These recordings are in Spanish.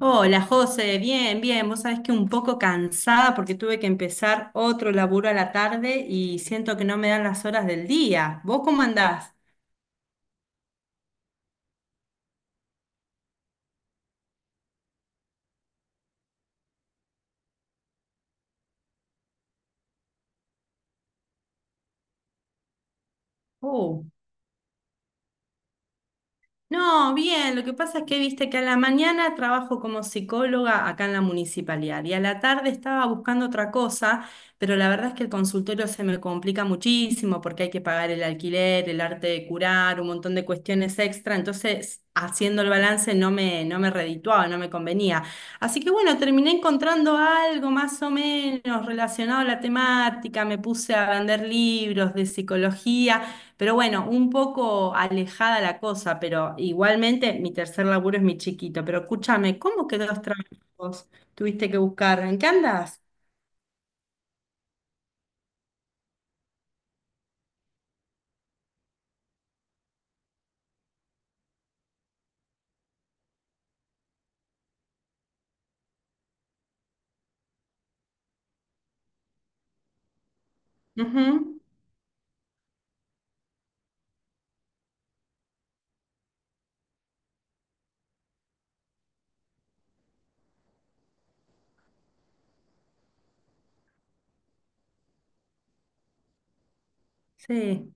Hola José, bien, bien. Vos sabés que un poco cansada porque tuve que empezar otro laburo a la tarde y siento que no me dan las horas del día. ¿Vos cómo andás? Oh. No, bien, lo que pasa es que viste que a la mañana trabajo como psicóloga acá en la municipalidad y a la tarde estaba buscando otra cosa, pero la verdad es que el consultorio se me complica muchísimo porque hay que pagar el alquiler, el arte de curar, un montón de cuestiones extra, entonces haciendo el balance no me redituaba, no me convenía. Así que bueno, terminé encontrando algo más o menos relacionado a la temática, me puse a vender libros de psicología. Pero bueno, un poco alejada la cosa, pero igualmente mi tercer laburo es mi chiquito. Pero escúchame, ¿cómo que dos trabajos tuviste que buscar? ¿En qué andas? Ujú. Sí,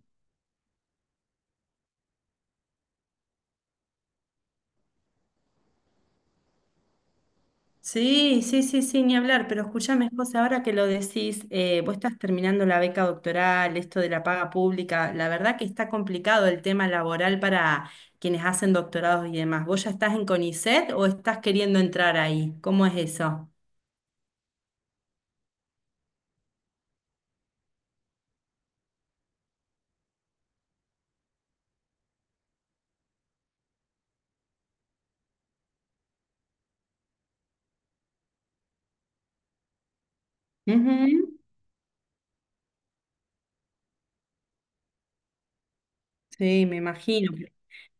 sí, sí, sí, sí, ni hablar. Pero escúchame, José, ahora que lo decís, vos estás terminando la beca doctoral, esto de la paga pública, la verdad que está complicado el tema laboral para quienes hacen doctorados y demás. ¿Vos ya estás en CONICET o estás queriendo entrar ahí? ¿Cómo es eso? Sí, me imagino.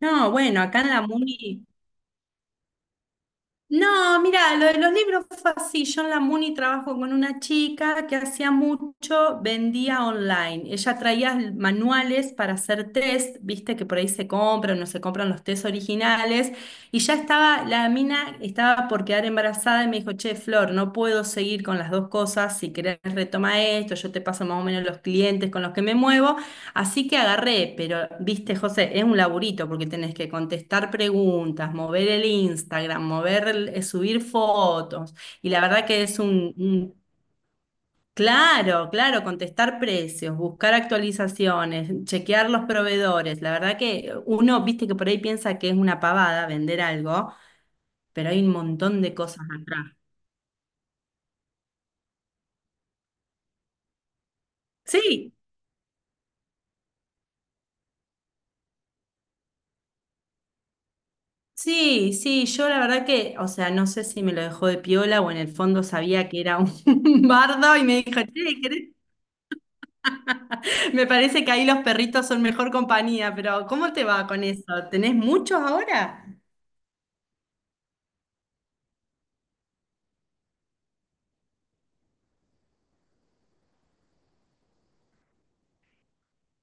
No, bueno, acá en la Muni. No, mira, lo de los libros fue así. Yo en la Muni trabajo con una chica que hacía mucho, vendía online. Ella traía manuales para hacer test, viste que por ahí se compran, no se compran los test originales. Y ya estaba, la mina estaba por quedar embarazada y me dijo, che, Flor, no puedo seguir con las dos cosas. Si querés retoma esto, yo te paso más o menos los clientes con los que me muevo. Así que agarré, pero viste, José, es un laburito porque tenés que contestar preguntas, mover el Instagram, mover, subir fotos. Y la verdad que es claro, claro, contestar precios, buscar actualizaciones, chequear los proveedores. La verdad que uno, viste que por ahí piensa que es una pavada vender algo, pero hay un montón de cosas atrás. Sí, sí, sí, yo la verdad que, o sea, no sé si me lo dejó de piola o en el fondo sabía que era un bardo y me dijo, che, ¿querés? Me parece que ahí los perritos son mejor compañía, pero ¿cómo te va con eso? ¿Tenés muchos ahora?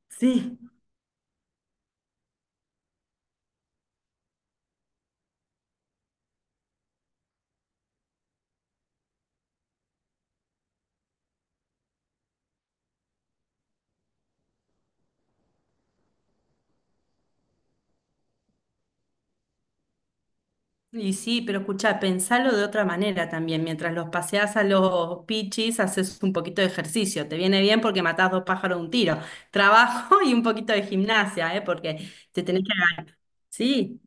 Sí. Y sí, pero escuchá, pensalo de otra manera también. Mientras los paseás a los pichis, haces un poquito de ejercicio. Te viene bien porque matás dos pájaros de un tiro. Trabajo y un poquito de gimnasia, ¿eh? Porque te tenés que... Sí.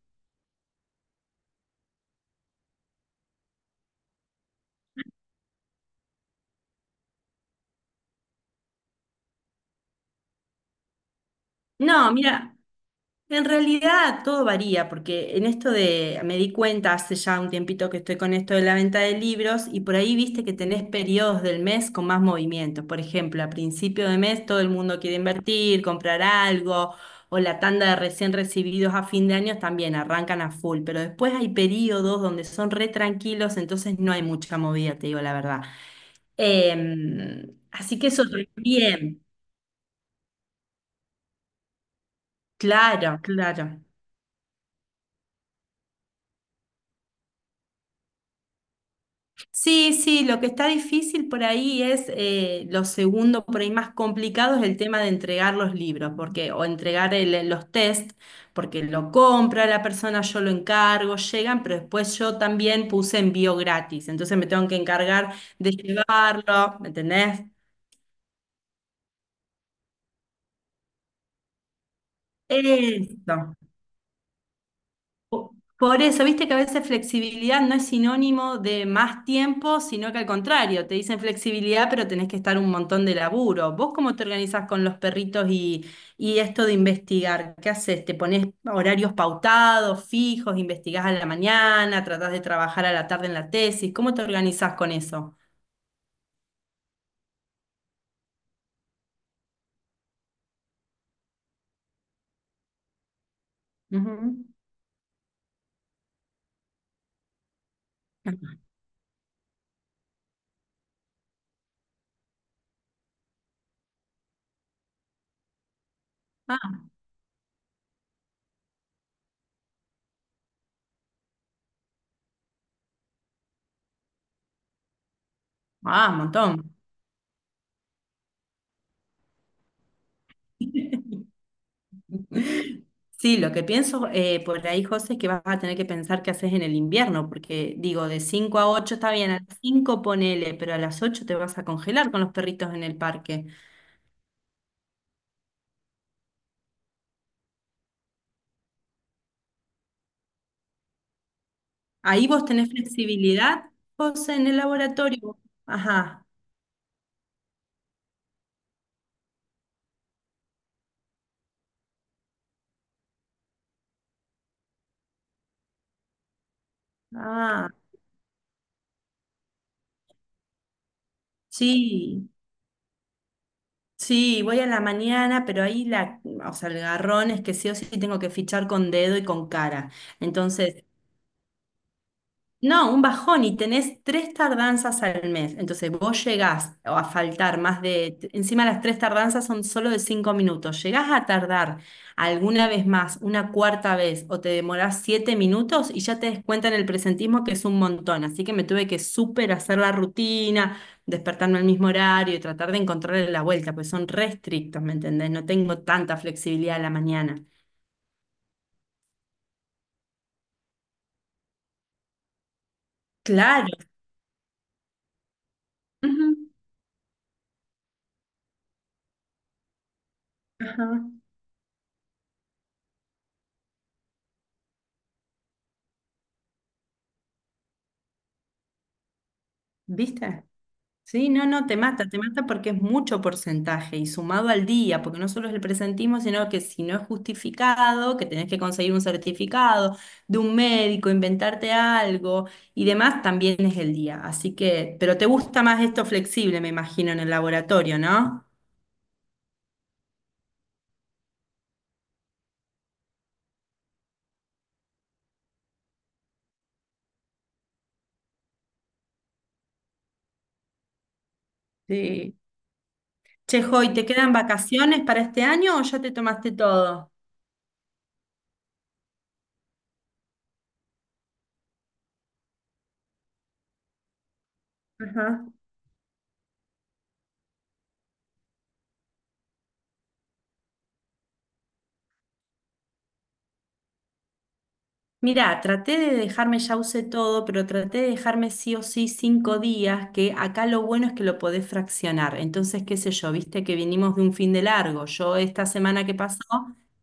No, mira, en realidad todo varía, porque en esto de, me di cuenta hace ya un tiempito que estoy con esto de la venta de libros y por ahí viste que tenés periodos del mes con más movimientos. Por ejemplo, a principio de mes todo el mundo quiere invertir, comprar algo, o la tanda de recién recibidos a fin de año también arrancan a full, pero después hay periodos donde son re tranquilos, entonces no hay mucha movida, te digo la verdad. Así que eso también, claro, claro. Sí, sí, lo que está difícil por ahí es lo segundo, por ahí más complicado es el tema de entregar los libros, porque, o entregar los test, porque lo compra la persona, yo lo encargo, llegan, pero después yo también puse envío gratis, entonces me tengo que encargar de llevarlo, ¿me entendés? Eso. Por eso, viste que a veces flexibilidad no es sinónimo de más tiempo, sino que al contrario, te dicen flexibilidad, pero tenés que estar un montón de laburo. ¿Vos cómo te organizás con los perritos y esto de investigar? ¿Qué haces? ¿Te pones horarios pautados, fijos, investigás a la mañana, tratás de trabajar a la tarde en la tesis? ¿Cómo te organizás con eso? Ujú. Ah, ah, un montón. Sí, lo que pienso por ahí, José, es que vas a tener que pensar qué haces en el invierno, porque digo, de 5 a 8 está bien, a las 5 ponele, pero a las 8 te vas a congelar con los perritos en el parque. Ahí vos tenés flexibilidad, José, en el laboratorio. Ajá. Ah, sí. Sí, voy a la mañana, pero ahí o sea, el garrón es que sí o sí tengo que fichar con dedo y con cara. Entonces. No, un bajón y tenés tres tardanzas al mes. Entonces vos llegás o a faltar más de, encima las tres tardanzas son solo de 5 minutos. Llegás a tardar alguna vez más, una cuarta vez, o te demorás 7 minutos y ya te des cuenta en el presentismo que es un montón. Así que me tuve que súper hacer la rutina, despertarme al mismo horario y tratar de encontrarle la vuelta, pues son restrictos, ¿me entendés? No tengo tanta flexibilidad a la mañana. Claro. Ujú. Ajá. ¿Viste? Sí, no, no, te mata porque es mucho porcentaje y sumado al día, porque no solo es el presentismo, sino que si no es justificado, que tenés que conseguir un certificado de un médico, inventarte algo y demás, también es el día. Así que, pero te gusta más esto flexible, me imagino, en el laboratorio, ¿no? Sí. Che, Joy, ¿te quedan vacaciones para este año o ya te tomaste todo? Ajá. Mirá, traté de dejarme, ya usé todo, pero traté de dejarme sí o sí 5 días, que acá lo bueno es que lo podés fraccionar. Entonces, qué sé yo, viste que vinimos de un fin de largo. Yo esta semana que pasó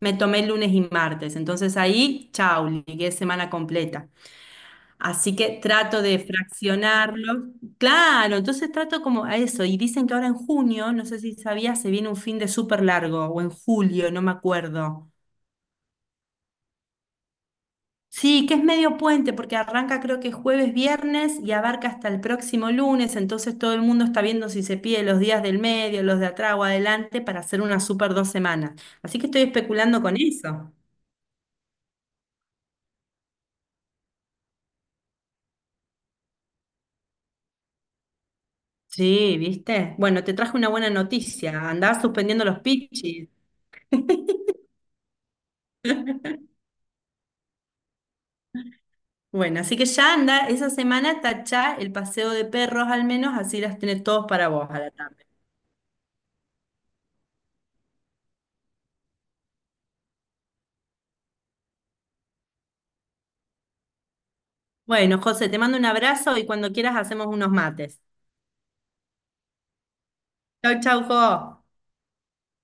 me tomé el lunes y martes. Entonces ahí, chau, ligué semana completa. Así que trato de fraccionarlo. Claro, entonces trato como a eso. Y dicen que ahora en junio, no sé si sabías, se viene un fin de súper largo, o en julio, no me acuerdo. Sí, que es medio puente porque arranca creo que jueves, viernes y abarca hasta el próximo lunes, entonces todo el mundo está viendo si se pide los días del medio, los de atrás o adelante para hacer una super 2 semanas. Así que estoy especulando con eso. Sí, ¿viste? Bueno, te traje una buena noticia, andaba suspendiendo los pichis. Bueno, así que ya anda, esa semana tachá el paseo de perros al menos, así las tenés todos para vos a la tarde. Bueno, José, te mando un abrazo y cuando quieras hacemos unos mates. Chau, chau, Jo.